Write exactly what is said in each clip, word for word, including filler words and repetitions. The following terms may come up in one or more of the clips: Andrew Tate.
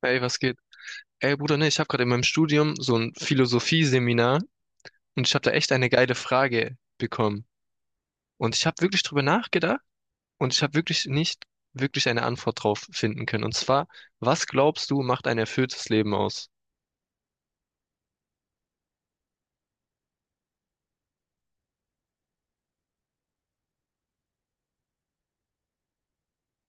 Ey, was geht? Ey, Bruder, ne, ich habe gerade in meinem Studium so ein Philosophie-Seminar und ich habe da echt eine geile Frage bekommen. Und ich habe wirklich drüber nachgedacht und ich habe wirklich nicht wirklich eine Antwort drauf finden können. Und zwar, was glaubst du, macht ein erfülltes Leben aus?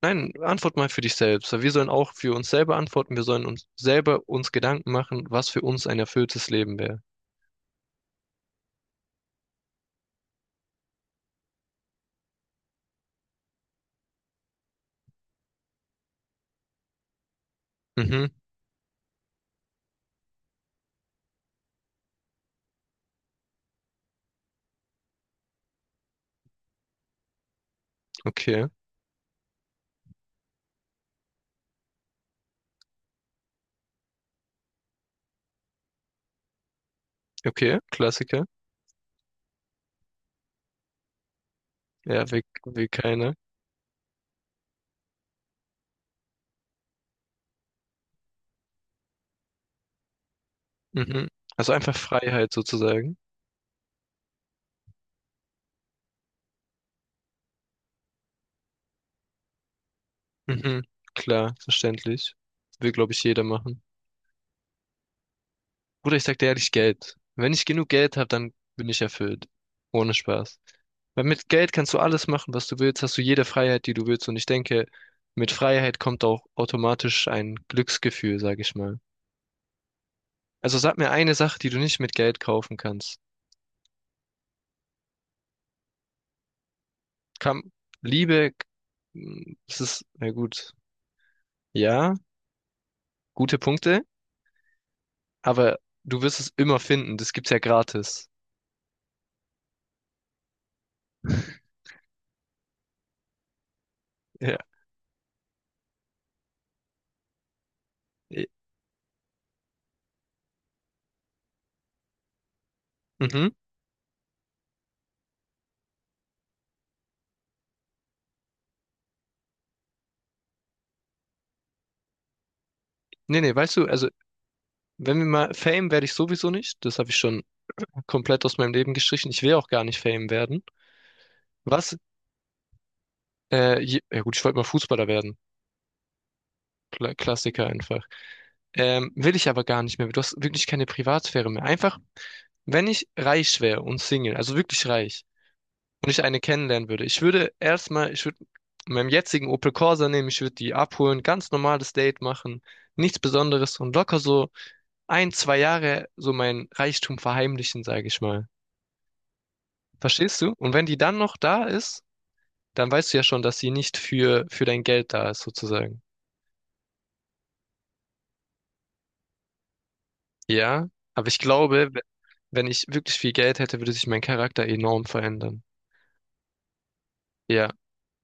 Nein, antwort mal für dich selbst. Wir sollen auch für uns selber antworten. Wir sollen uns selber uns Gedanken machen, was für uns ein erfülltes Leben wäre. Mhm, okay, okay, Klassiker. Ja, will, will keiner. Mhm. Also einfach Freiheit sozusagen. Mhm. Klar, verständlich. Will, glaube ich, jeder machen. Bruder, ich sag dir ehrlich, Geld. Wenn ich genug Geld habe, dann bin ich erfüllt. Ohne Spaß. Weil mit Geld kannst du alles machen, was du willst, hast du jede Freiheit, die du willst. Und ich denke, mit Freiheit kommt auch automatisch ein Glücksgefühl, sag ich mal. Also sag mir eine Sache, die du nicht mit Geld kaufen kannst. Kam, Liebe, mm, es ist, na gut, ja, gute Punkte, aber du wirst es immer finden. Das gibt's ja gratis. Ja. eh, Mhm. Nee, nee, weißt du, also, wenn wir mal, Fame werde ich sowieso nicht. Das habe ich schon komplett aus meinem Leben gestrichen. Ich will auch gar nicht Fame werden. Was, äh, je, ja gut, ich wollte mal Fußballer werden. Kla Klassiker einfach. Ähm, will ich aber gar nicht mehr. Du hast wirklich keine Privatsphäre mehr. Einfach, wenn ich reich wäre und Single, also wirklich reich, und ich eine kennenlernen würde, ich würde erstmal, ich würde meinem jetzigen Opel Corsa nehmen, ich würde die abholen, ganz normales Date machen, nichts Besonderes und locker so ein, zwei Jahre so mein Reichtum verheimlichen, sage ich mal. Verstehst du? Und wenn die dann noch da ist, dann weißt du ja schon, dass sie nicht für, für dein Geld da ist, sozusagen. Ja, aber ich glaube, we- wenn ich wirklich viel Geld hätte, würde sich mein Charakter enorm verändern. Ja,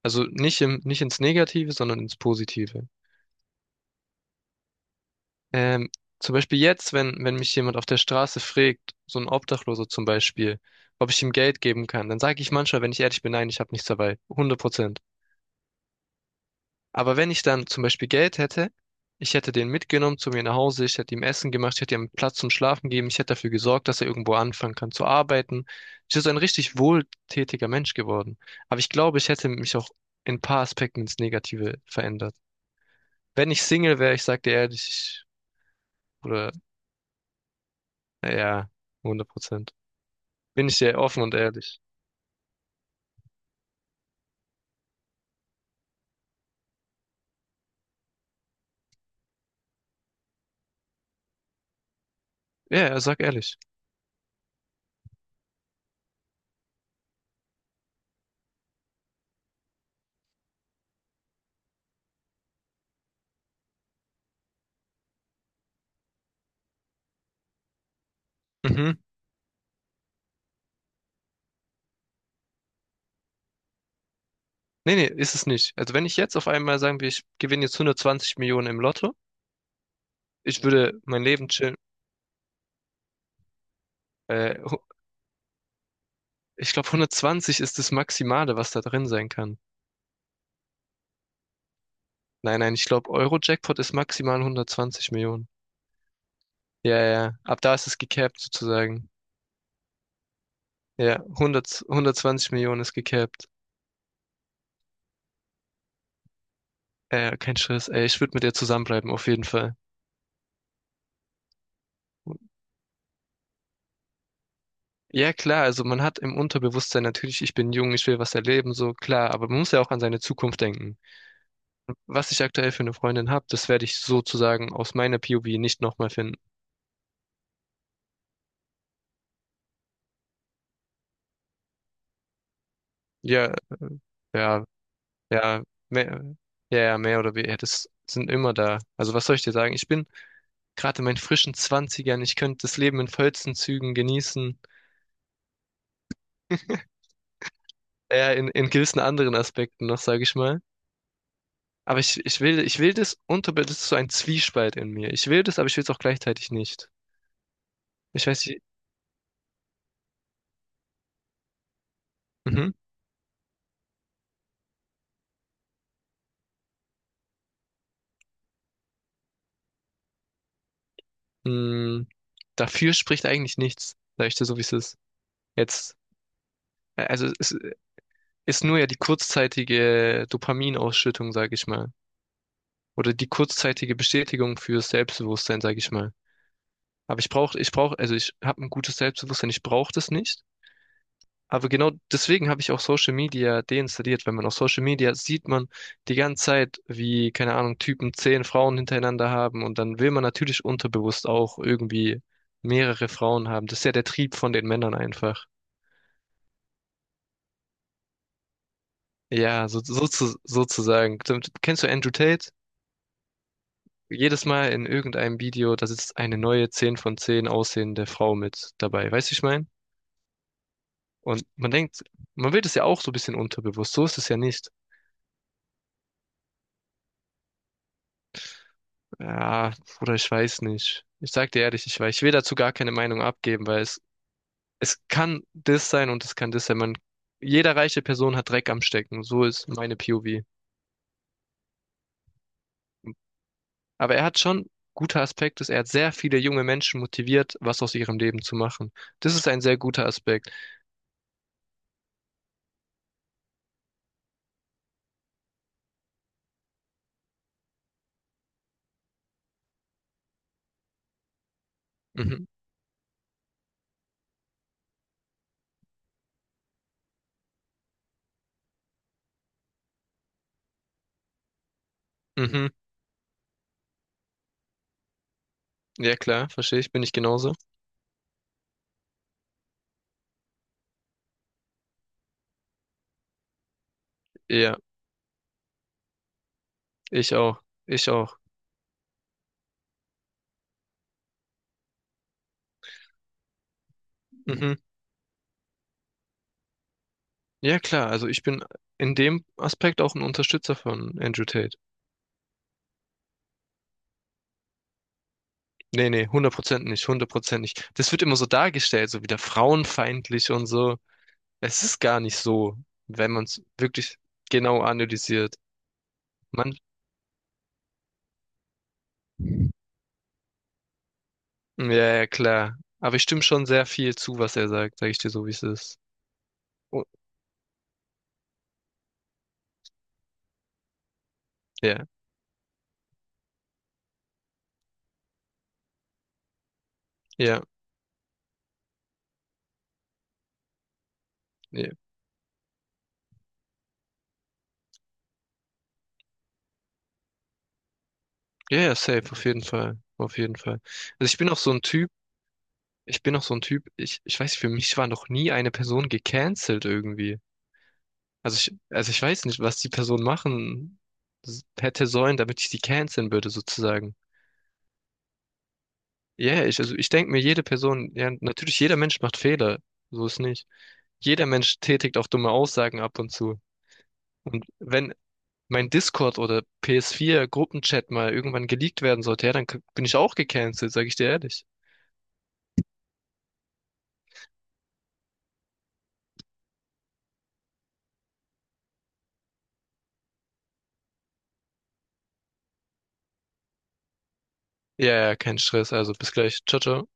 also nicht im, nicht ins Negative, sondern ins Positive. Ähm, Zum Beispiel jetzt, wenn, wenn mich jemand auf der Straße fragt, so ein Obdachloser zum Beispiel, ob ich ihm Geld geben kann, dann sage ich manchmal, wenn ich ehrlich bin, nein, ich habe nichts dabei. Hundert Prozent. Aber wenn ich dann zum Beispiel Geld hätte, ich hätte den mitgenommen zu mir nach Hause, ich hätte ihm Essen gemacht, ich hätte ihm Platz zum Schlafen gegeben, ich hätte dafür gesorgt, dass er irgendwo anfangen kann zu arbeiten. Ich wäre so ein richtig wohltätiger Mensch geworden. Aber ich glaube, ich hätte mich auch in ein paar Aspekten ins Negative verändert. Wenn ich Single wäre, ich sag dir ehrlich, ich- oder ja, hundert Prozent. Bin ich dir offen und ehrlich. Ja, ja, sag ehrlich. Mhm. Nee, nee, ist es nicht. Also wenn ich jetzt auf einmal sagen wir, ich gewinne jetzt hundertzwanzig Millionen im Lotto, ich würde mein Leben chillen. Äh, Ich glaube, hundertzwanzig ist das Maximale, was da drin sein kann. Nein, nein, ich glaube, Euro-Jackpot ist maximal hundertzwanzig Millionen. Ja, ja, ab da ist es gecapped sozusagen. Ja, hundert, hundertzwanzig Millionen ist gecapped. Äh, kein Stress, ey, ich würde mit dir zusammenbleiben, auf jeden Fall. Ja, klar, also man hat im Unterbewusstsein natürlich, ich bin jung, ich will was erleben, so klar, aber man muss ja auch an seine Zukunft denken. Was ich aktuell für eine Freundin habe, das werde ich sozusagen aus meiner P O V nicht nochmal finden. Ja, äh, ja, Ja, mehr, ja, ja, mehr oder weniger. ja, Das sind immer da. Also was soll ich dir sagen? Ich bin gerade in meinen frischen Zwanzigern. Ich könnte das Leben in vollsten Zügen genießen. Ja, in, in gewissen anderen Aspekten noch, sage ich mal. Aber ich, ich will, ich will das unter, das ist so ein Zwiespalt in mir. Ich will das, aber ich will es auch gleichzeitig nicht. Ich weiß nicht, mhm. Mh, Dafür spricht eigentlich nichts, sag ich dir so, wie es ist. Jetzt, äh, also es ist nur ja die kurzzeitige Dopaminausschüttung, sage ich mal. oder die kurzzeitige Bestätigung für Selbstbewusstsein, sage ich mal. Aber ich brauche, ich brauche, also ich habe ein gutes Selbstbewusstsein, ich brauche das nicht. Aber genau deswegen habe ich auch Social Media deinstalliert, weil man auf Social Media sieht man die ganze Zeit, wie, keine Ahnung, Typen zehn Frauen hintereinander haben und dann will man natürlich unterbewusst auch irgendwie mehrere Frauen haben. Das ist ja der Trieb von den Männern einfach. Ja, so, so zu, sozusagen. Kennst du Andrew Tate? jedes Mal in irgendeinem Video, da sitzt eine neue zehn von zehn aussehende Frau mit dabei. Weißt du, wie ich meine? Und man denkt, man will das ja auch so ein bisschen unterbewusst. So ist es ja nicht. Ja, Bruder, ich weiß nicht. Ich sag dir ehrlich, ich weiß. Ich will dazu gar keine Meinung abgeben, weil es, es kann das sein und es kann das sein. Man, jeder reiche Person hat Dreck am Stecken. So ist meine P O V. Aber er hat schon guter Aspekt ist, er hat sehr viele junge Menschen motiviert, was aus ihrem Leben zu machen. Das ist ein sehr guter Aspekt. Mhm, mhm. Ja, klar, verstehe ich, bin ich genauso. Ja, ich auch. Ich auch. Mhm. Ja, klar. Also ich bin in dem Aspekt auch ein Unterstützer von Andrew Tate. Nee, nee, hundert Prozent nicht, hundert Prozent nicht. Das wird immer so dargestellt, so wieder frauenfeindlich und so. Es ist gar nicht so, wenn man es wirklich genau analysiert. Man, ja, ja, klar. Aber ich stimme schon sehr viel zu, was er sagt, sage ich dir so, wie es ist. Oh, Ja, ja, ja. Ja, ja, safe, auf jeden Fall. Auf jeden Fall. Also ich bin auch so ein Typ, Ich bin noch so ein Typ, ich, ich weiß nicht, für mich war noch nie eine Person gecancelt irgendwie. Also ich, also ich weiß nicht, was die Person machen s- hätte sollen, damit ich sie canceln würde, sozusagen. Ja, yeah, ich, also ich denke mir, jede Person, ja, natürlich, jeder Mensch macht Fehler. So ist nicht. Jeder Mensch tätigt auch dumme Aussagen ab und zu. Und wenn mein Discord oder P S vier Gruppenchat mal irgendwann geleakt werden sollte, ja, dann k- bin ich auch gecancelt, sag ich dir ehrlich. Ja, ja, kein Stress, also bis gleich. Ciao, ciao.